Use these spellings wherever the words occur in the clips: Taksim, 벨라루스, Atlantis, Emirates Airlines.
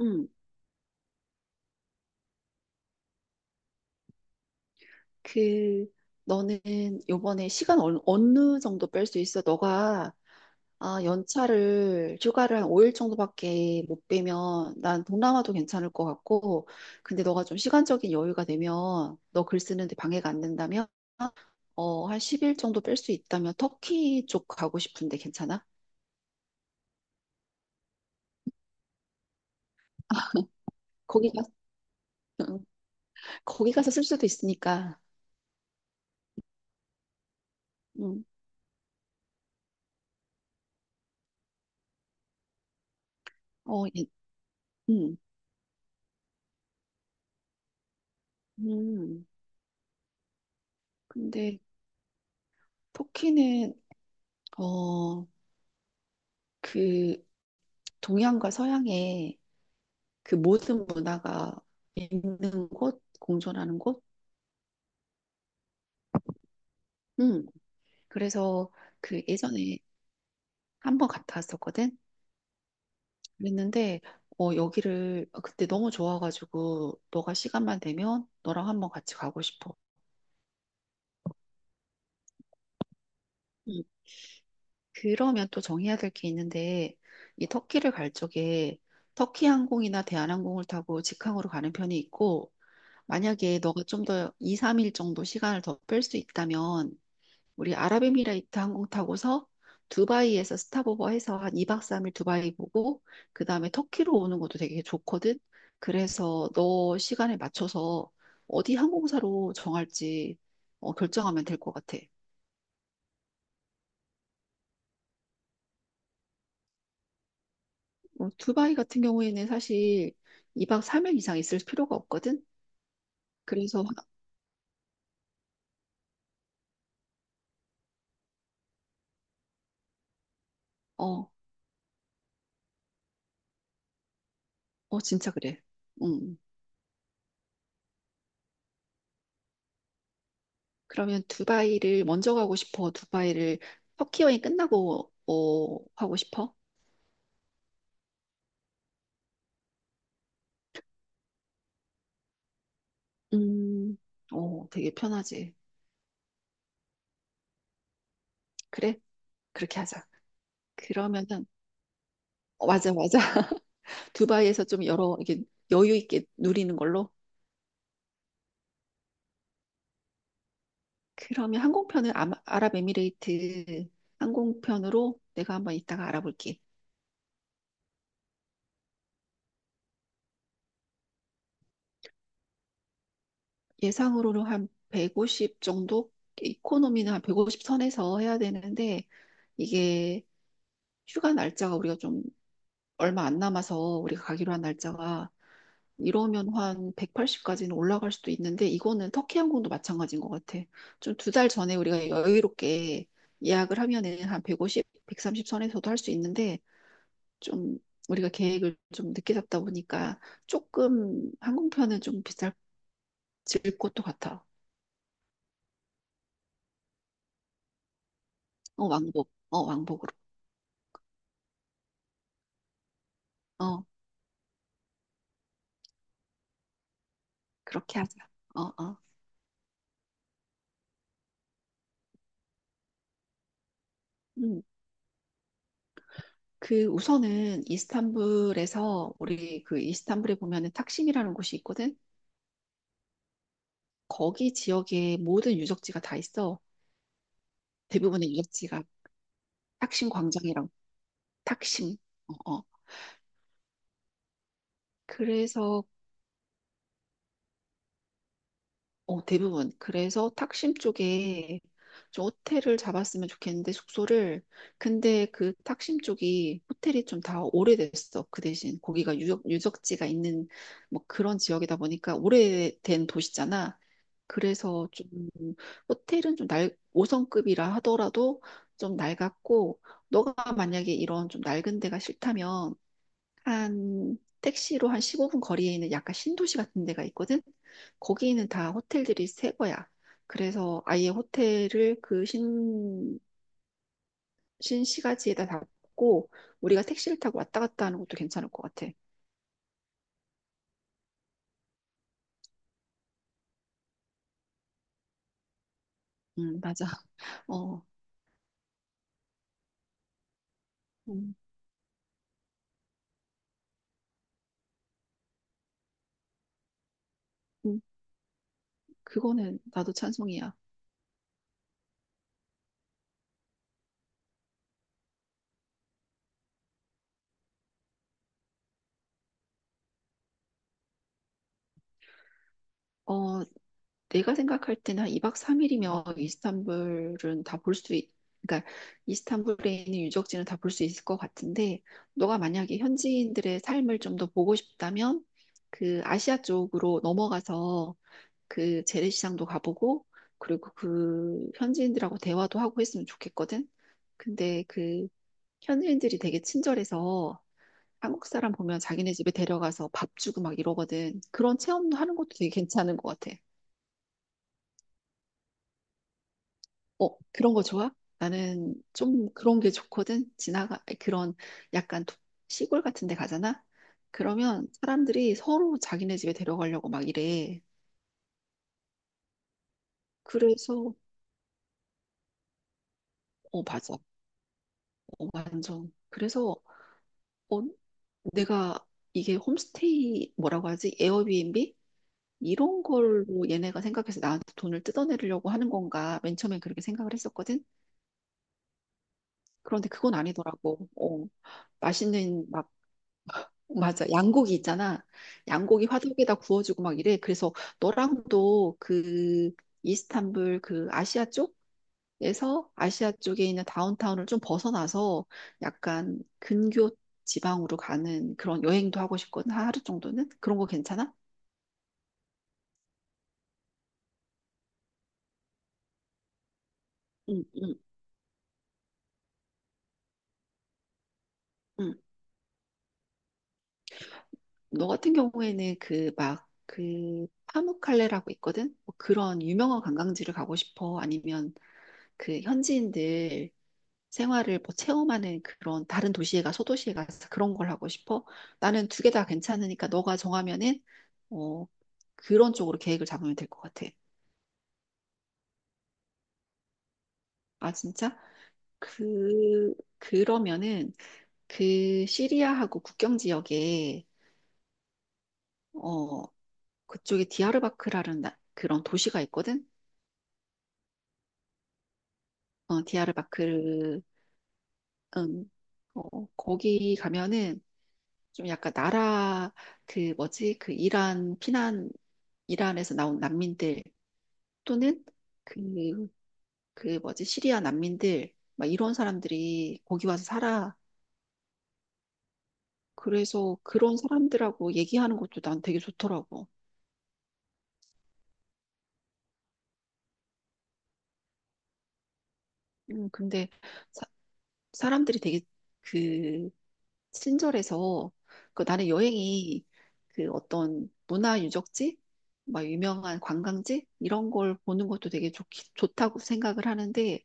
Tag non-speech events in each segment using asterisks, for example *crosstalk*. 응. 그, 너는 요번에 시간 어느 정도 뺄 수 있어? 너가, 아, 연차를, 휴가를 한 5일 정도밖에 못 빼면 난 동남아도 괜찮을 것 같고, 근데 너가 좀 시간적인 여유가 되면, 너 글 쓰는데 방해가 안 된다면, 어, 한 10일 정도 뺄 수 있다면 터키 쪽 가고 싶은데 괜찮아? 거기 가서, *laughs* 거기 가서 쓸 수도 있으니까. 음. 어, 예. 음. 음. 근데 터키는, 어, 그, 동양과 서양의 그 모든 문화가 있는 곳, 공존하는 곳. 음. 그래서 그 예전에 한번 갔다 왔었거든. 그랬는데 어 여기를 그때 너무 좋아가지고 너가 시간만 되면 너랑 한번 같이 가고 싶어. 음. 그러면 또 정해야 될 게 있는데 이 터키를 갈 적에 터키 항공이나 대한항공을 타고 직항으로 가는 편이 있고 만약에 너가 좀 더 2, 3일 정도 시간을 더 뺄 수 있다면 우리 아랍에미레이트 항공 타고서 두바이에서 스탑오버 해서 한 2박 3일 두바이 보고 그다음에 터키로 오는 것도 되게 좋거든. 그래서 너 시간에 맞춰서 어디 항공사로 정할지 어, 결정하면 될 것 같아. 어, 두바이 같은 경우에는 사실 2박 3일 이상 있을 필요가 없거든. 그래서 어, 어 진짜 그래. 음. 그러면 두바이를 먼저 가고 싶어? 두바이를 터키 여행 끝나고 어, 하고 싶어? 음. 오, 되게 편하지. 그래? 그렇게 하자. 그러면은, 어, 맞아, 맞아. *laughs* 두바이에서 좀 여러, 이게 여유 있게 누리는 걸로. 그러면 항공편을 아랍에미레이트 항공편으로 내가 한번 이따가 알아볼게. 예상으로는 한 150 정도? 이코노미는 한 150 선에서 해야 되는데, 이게 휴가 날짜가 우리가 좀 얼마 안 남아서 우리가 가기로 한 날짜가 이러면 한 180까지는 올라갈 수도 있는데 이거는 터키 항공도 마찬가지인 것 같아. 좀 두 달 전에 우리가 여유롭게 예약을 하면은 한 150, 130 선에서도 할 수 있는데 좀 우리가 계획을 좀 늦게 잡다 보니까 조금 항공편은 좀 비쌀 질 것도 같아. 어, 왕복. 어, 왕복으로. 어, 그렇게 하자. 어, 어. 음. 그 우선은 이스탄불에서 우리 그 이스탄불에 보면은 탁심이라는 곳이 있거든. 거기 지역의 모든 유적지가 다 있어. 대부분의 유적지가 탁심 광장이랑 탁심. 어, 어. 그래서 어, 대부분. 그래서 탁심 쪽에 좀 호텔을 잡았으면 좋겠는데, 숙소를. 근데 그 탁심 쪽이 호텔이 좀 다 오래됐어. 그 대신 거기가 유적, 유적지가 있는 뭐 그런 지역이다 보니까 오래된 도시잖아. 그래서 좀 호텔은 좀 5성급이라 하더라도 좀 낡았고, 너가 만약에 이런 좀 낡은 데가 싫다면 한 택시로 한 15분 거리에 있는 약간 신도시 같은 데가 있거든. 거기는 다 호텔들이 새 거야. 그래서 아예 호텔을 그 신, 신시가지에다 잡고 우리가 택시를 타고 왔다 갔다 하는 것도 괜찮을 것 같아. 맞아. 어, 음, 음, 그거는 나도 찬성이야. 어, 내가 생각할 때는 한 2박 3일이면 이스탄불은 다 그러니까 이스탄불에 있는 유적지는 다 볼 수 있을 것 같은데, 너가 만약에 현지인들의 삶을 좀 더 보고 싶다면, 그 아시아 쪽으로 넘어가서 그 재래시장도 가보고, 그리고 그 현지인들하고 대화도 하고 했으면 좋겠거든? 근데 그 현지인들이 되게 친절해서 한국 사람 보면 자기네 집에 데려가서 밥 주고 막 이러거든. 그런 체험도 하는 것도 되게 괜찮은 것 같아. 어, 그런 거 좋아? 나는 좀 그런 게 좋거든. 그런 약간 시골 같은 데 가잖아? 그러면 사람들이 서로 자기네 집에 데려가려고 막 이래. 그래서, 어, 맞아. 어, 완전. 그래서, 어, 내가 이게 홈스테이 뭐라고 하지? 에어비앤비? 이런 걸로 얘네가 생각해서 나한테 돈을 뜯어내려고 하는 건가? 맨 처음엔 그렇게 생각을 했었거든? 그런데 그건 아니더라고. 어, 맛있는 막 맞아. 양고기 있잖아. 양고기 화덕에다 구워주고 막 이래. 그래서 너랑도 그 이스탄불 그 아시아 쪽에서 아시아 쪽에 있는 다운타운을 좀 벗어나서 약간 근교 지방으로 가는 그런 여행도 하고 싶거든. 하루 정도는? 그런 거 괜찮아? 응, 응, 응. 너 같은 경우에는 그 막 그 파무칼레라고 있거든? 뭐 그런 유명한 관광지를 가고 싶어? 아니면 그 현지인들 생활을 뭐 체험하는 그런 다른 도시에 가 소도시에 가서 그런 걸 하고 싶어. 나는 두 개 다 괜찮으니까 너가 정하면은 어 그런 쪽으로 계획을 잡으면 될 것 같아. 아 진짜? 그 그러면은 그 시리아하고 국경 지역에 어 그쪽에 디아르바크라는 그런 도시가 있거든. 어 디아르바크. 음, 어, 거기 가면은 좀 약간 나라 그 뭐지 그 이란에서 나온 난민들 또는 그, 그 뭐지, 시리아 난민들, 막 이런 사람들이 거기 와서 살아. 그래서 그런 사람들하고 얘기하는 것도 난 되게 좋더라고. 근데 사, 람들이 되게 그 친절해서 그 나는 여행이 그 어떤 문화 유적지, 막 유명한 관광지 이런 걸 보는 것도 되게 좋다고 생각을 하는데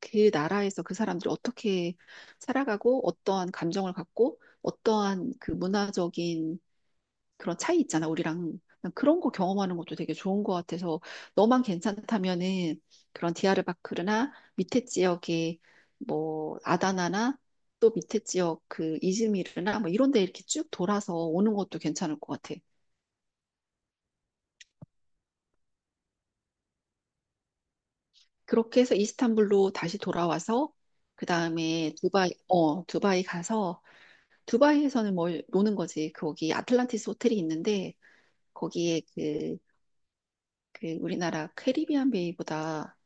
그 나라에서 그 사람들이 어떻게 살아가고 어떠한 감정을 갖고 어떠한 그 문화적인 그런 차이 있잖아, 우리랑. 난 그런 거 경험하는 것도 되게 좋은 것 같아서 너만 괜찮다면은 그런 디아르바크르나 밑에 지역에 뭐 아다나나 또 밑에 지역 그 이즈미르나 뭐 이런 데 이렇게 쭉 돌아서 오는 것도 괜찮을 것 같아. 그렇게 해서 이스탄불로 다시 돌아와서 그 다음에 두바이, 어, 두바이 가서 두바이에서는 뭘 노는 거지. 거기 아틀란티스 호텔이 있는데 거기에 그, 그 우리나라 캐리비안 베이보다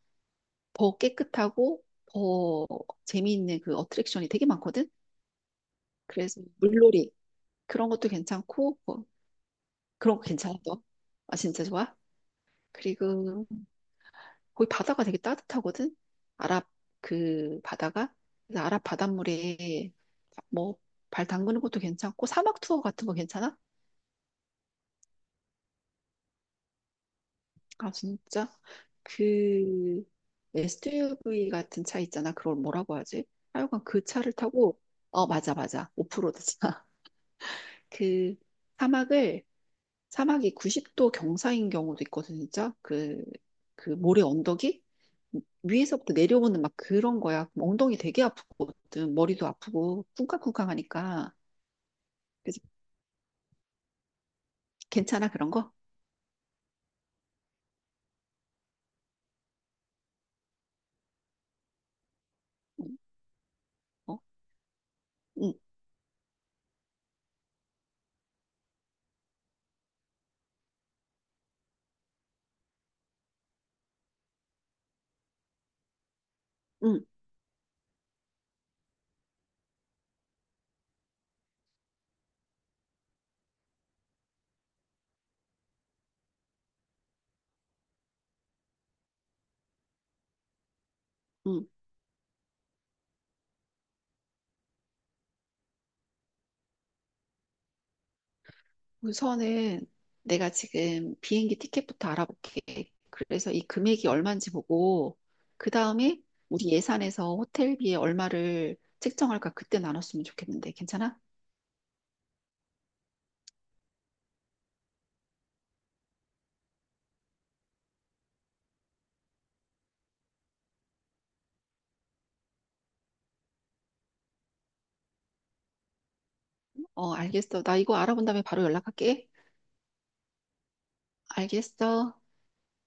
더 깨끗하고 더 재미있는 그 어트랙션이 되게 많거든. 그래서 물놀이 그런 것도 괜찮고 뭐 그런 거 괜찮아 너? 아 진짜 좋아? 그리고 거기 바다가 되게 따뜻하거든. 아랍 그 바다가 그래서 아랍 바닷물에 뭐 발 담그는 것도 괜찮고 사막 투어 같은 거 괜찮아? 아, 진짜? 그 SUV 같은 차 있잖아. 그걸 뭐라고 하지? 하여간 그 차를 타고, 어, 맞아, 맞아. 오프로드 차. *laughs* 그 사막을, 사막이 90도 경사인 경우도 있거든, 진짜. 그, 그 모래 언덕이 위에서부터 내려오는 막 그런 거야. 그럼 엉덩이 되게 아프거든. 머리도 아프고, 쿵쾅쿵쾅 하니까. 그래서 괜찮아, 그런 거? 응, 어? 응, 응, 응. 우선은 내가 지금 비행기 티켓부터 알아볼게. 그래서 이 금액이 얼마인지 보고, 그 다음에 우리 예산에서 호텔비에 얼마를 책정할까 그때 나눴으면 좋겠는데, 괜찮아? 어, 알겠어. 나 이거 알아본 다음에 바로 연락할게. 알겠어.